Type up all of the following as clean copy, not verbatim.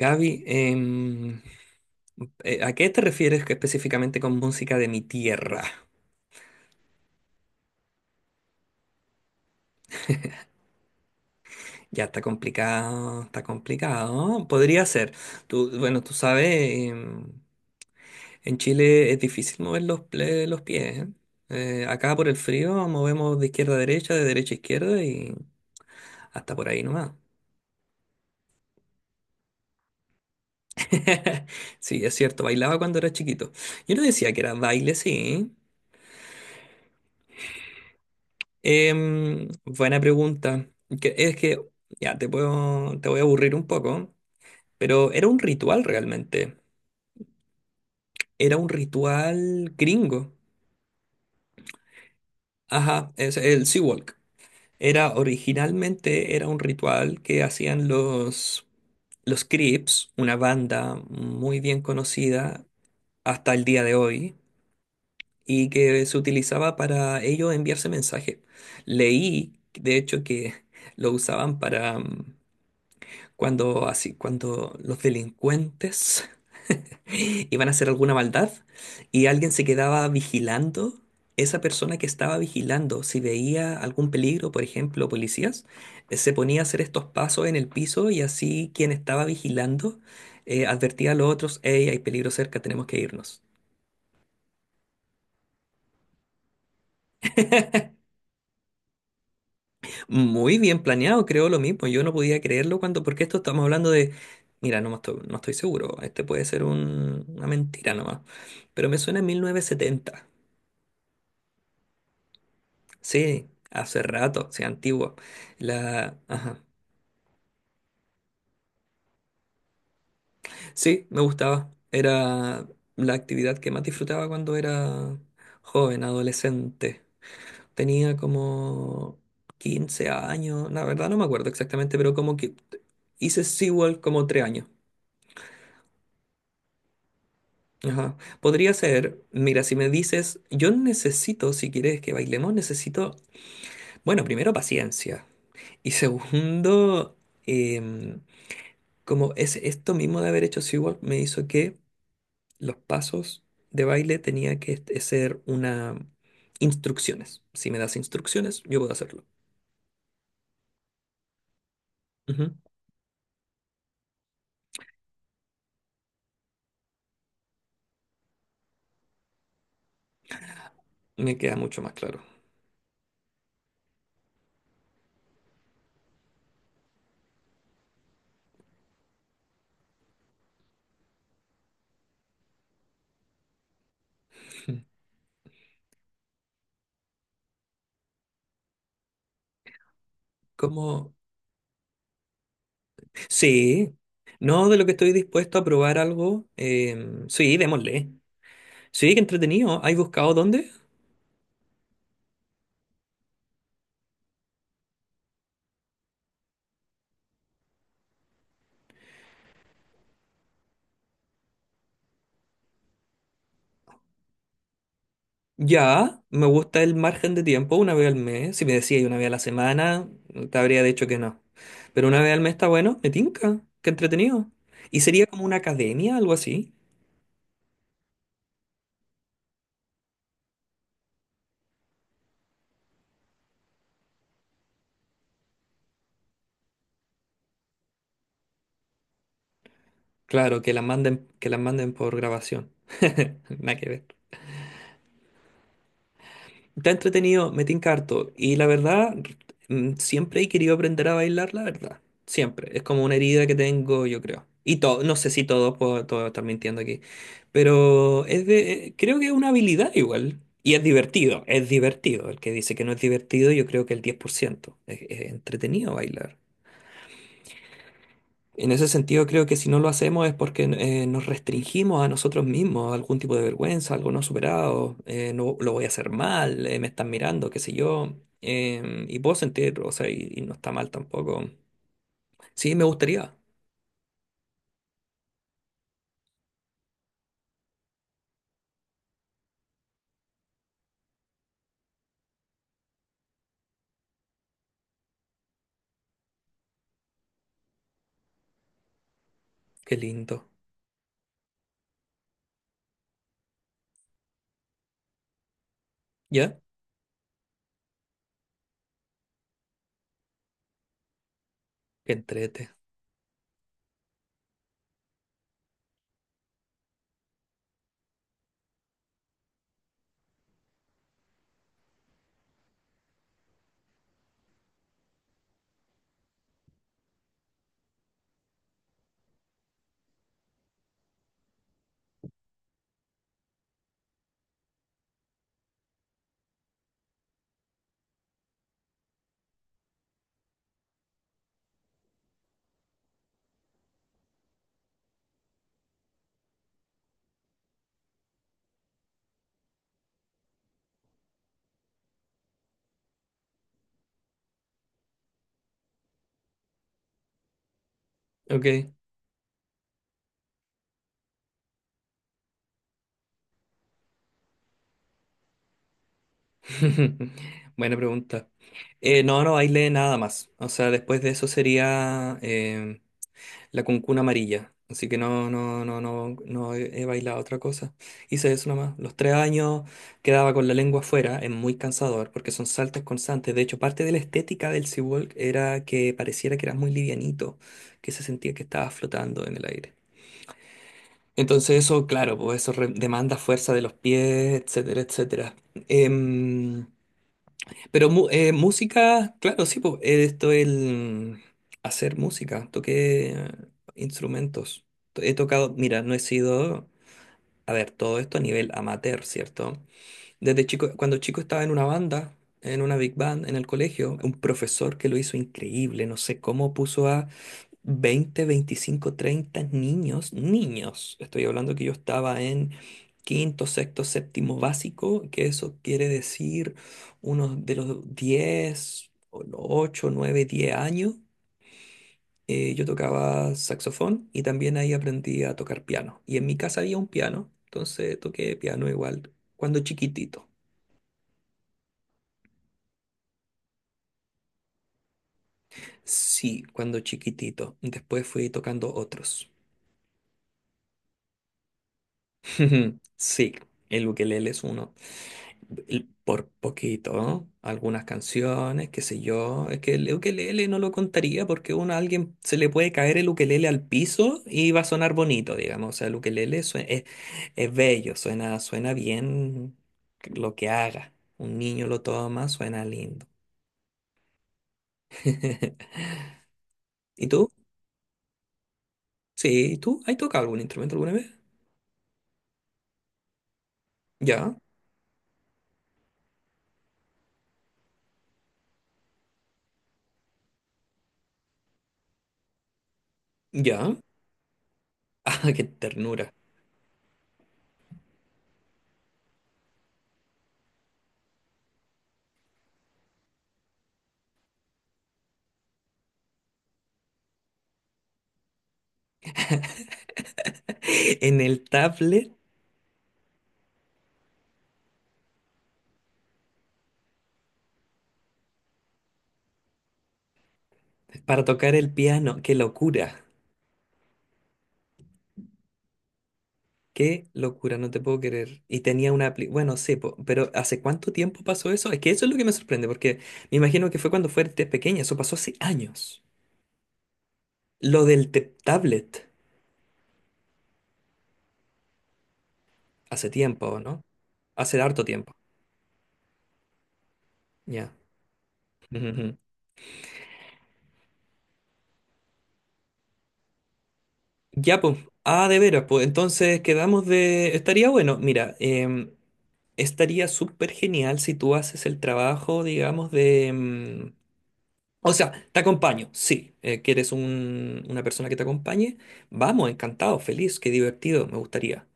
Gaby, ¿a qué te refieres que específicamente con música de mi tierra? Ya está complicado, está complicado. Podría ser. Tú, bueno, tú sabes, em, en Chile es difícil mover los pies, ¿eh? Acá por el frío movemos de izquierda a derecha, de derecha a izquierda y hasta por ahí nomás. Sí, es cierto, bailaba cuando era chiquito. Yo no decía que era baile, sí. Buena pregunta. Es que, ya, te voy a aburrir un poco, pero era un ritual realmente. Era un ritual gringo. Ajá, es el Sea Walk. Era originalmente era un ritual que hacían los Crips, una banda muy bien conocida hasta el día de hoy, y que se utilizaba para ello enviarse mensajes. Leí, de hecho, que lo usaban para cuando cuando los delincuentes iban a hacer alguna maldad y alguien se quedaba vigilando, esa persona que estaba vigilando, si veía algún peligro, por ejemplo, policías, se ponía a hacer estos pasos en el piso, y así quien estaba vigilando advertía a los otros: hey, hay peligro cerca, tenemos que irnos. Muy bien planeado, creo lo mismo. Yo no podía creerlo cuando, porque esto estamos hablando de, mira, no, no estoy seguro, este puede ser una mentira nomás, pero me suena a 1970. Sí, hace rato, sí, antiguo. La, ajá. Sí, me gustaba, era la actividad que más disfrutaba cuando era joven, adolescente. Tenía como 15 años, la verdad no me acuerdo exactamente, pero como que hice SeaWorld como 3 años. Ajá. Podría ser, mira, si me dices, yo necesito, si quieres que bailemos, necesito, bueno, primero paciencia. Y segundo, em, como es esto mismo de haber hecho SeaWorld, me hizo que los pasos de baile tenía que ser una instrucciones. Si me das instrucciones, yo puedo hacerlo. Ujú. Me queda mucho más claro. Mm. ¿Cómo? Sí. No de lo que estoy dispuesto a probar algo. Sí, démosle. Sí, qué entretenido. ¿Has buscado dónde? Ya, me gusta el margen de tiempo, una vez al mes. Si me decía y una vez a la semana, te habría dicho que no. Pero una vez al mes está bueno, me tinca, qué entretenido. Y sería como una academia, algo así. Claro, que la manden por grabación. Nada que ver. Está entretenido, me tinca harto. Y la verdad, mm, siempre he querido aprender a bailar, la verdad. Siempre. Es como una herida que tengo, yo creo. Y todo, no sé si todos puedo, todo estar mintiendo aquí. Pero es de, creo que es una habilidad igual. Y es divertido, es divertido. El que dice que no es divertido, yo creo que el 10%. Es entretenido bailar. En ese sentido, creo que si no lo hacemos es porque nos restringimos a nosotros mismos, a algún tipo de vergüenza, algo no superado, no lo voy a hacer mal, me están mirando, qué sé yo. Y puedo sentir, o sea, y no está mal tampoco. Sí, me gustaría. Qué lindo. ¿Ya? Qué entrete. Ok. Buena pregunta. No, no bailé nada más. O sea, después de eso sería, la cuncuna amarilla. Así que no he, he bailado otra cosa. Hice eso nomás. Los 3 años quedaba con la lengua afuera, es muy cansador porque son saltos constantes. De hecho, parte de la estética del Sea Walk era que pareciera que eras muy livianito, que se sentía que estabas flotando en el aire. Entonces eso, claro, pues eso demanda fuerza de los pies, etcétera, etcétera. Em, pero música, claro, sí, pues, esto es el hacer música, toqué instrumentos. He tocado, mira, no he sido, a ver, todo esto a nivel amateur, ¿cierto? Desde chico, cuando chico estaba en una banda, en una big band, en el colegio, un profesor que lo hizo increíble, no sé cómo puso 20, 25, 30 niños, niños. Estoy hablando que yo estaba en quinto, sexto, séptimo básico, que eso quiere decir unos de los 10, o los 8, 9, 10 años. Yo tocaba saxofón y también ahí aprendí a tocar piano. Y en mi casa había un piano, entonces toqué piano igual cuando chiquitito. Sí, cuando chiquitito. Después fui tocando otros. Sí, el ukelele es uno. Y por poquito, ¿no? Algunas canciones, qué sé yo. Es que el ukelele no lo contaría porque uno a alguien se le puede caer el ukelele al piso y va a sonar bonito, digamos. O sea, es bello, suena, suena bien lo que haga. Un niño lo toma, suena lindo. ¿Y tú? Sí, ¿y tú? ¿Has tocado algún instrumento alguna vez? Ya, ya. Ah, qué ternura. En el tablet para tocar el piano, qué locura. Qué locura, no te puedo creer. Y tenía una apli- Bueno, sí, pero ¿hace cuánto tiempo pasó eso? Es que eso es lo que me sorprende, porque me imagino que fue cuando fuiste pequeña, eso pasó hace años. Lo del tablet, hace tiempo, ¿no? Hace harto tiempo. Ya. Ujú, ujú. Ya, pues. Ah, de veras, pues. Entonces quedamos de. Estaría bueno, mira, estaría súper genial si tú haces el trabajo, digamos, o sea, te acompaño, sí. ¿Quieres una persona que te acompañe? Vamos, encantado, feliz, qué divertido, me gustaría.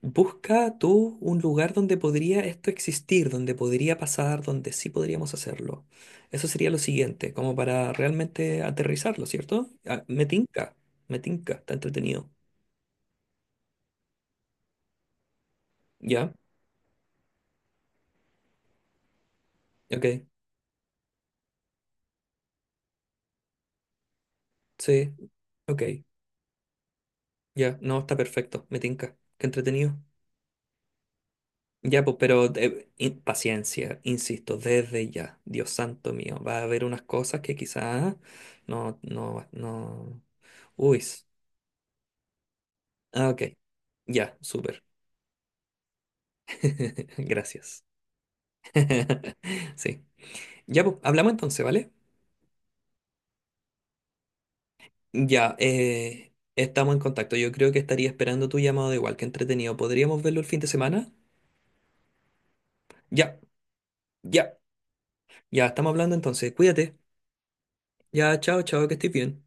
Busca tú un lugar donde podría esto existir, donde podría pasar, donde sí podríamos hacerlo. Eso sería lo siguiente, como para realmente aterrizarlo, ¿cierto? Ah, me tinca, está entretenido. ¿Ya? Ok, sí, ok, ya, no, está perfecto, me tinca, qué entretenido. Ya, pues, pero paciencia, insisto, desde ya, Dios santo mío, va a haber unas cosas que quizás no, no, no. Uy, ok, ya, súper. Gracias. Sí. Ya, pues, hablamos entonces, ¿vale? Ya, estamos en contacto. Yo creo que estaría esperando tu llamado igual, que entretenido. ¿Podríamos verlo el fin de semana? Ya, ya, ya, estamos hablando entonces. Cuídate. Ya, chao, chao, que estés bien.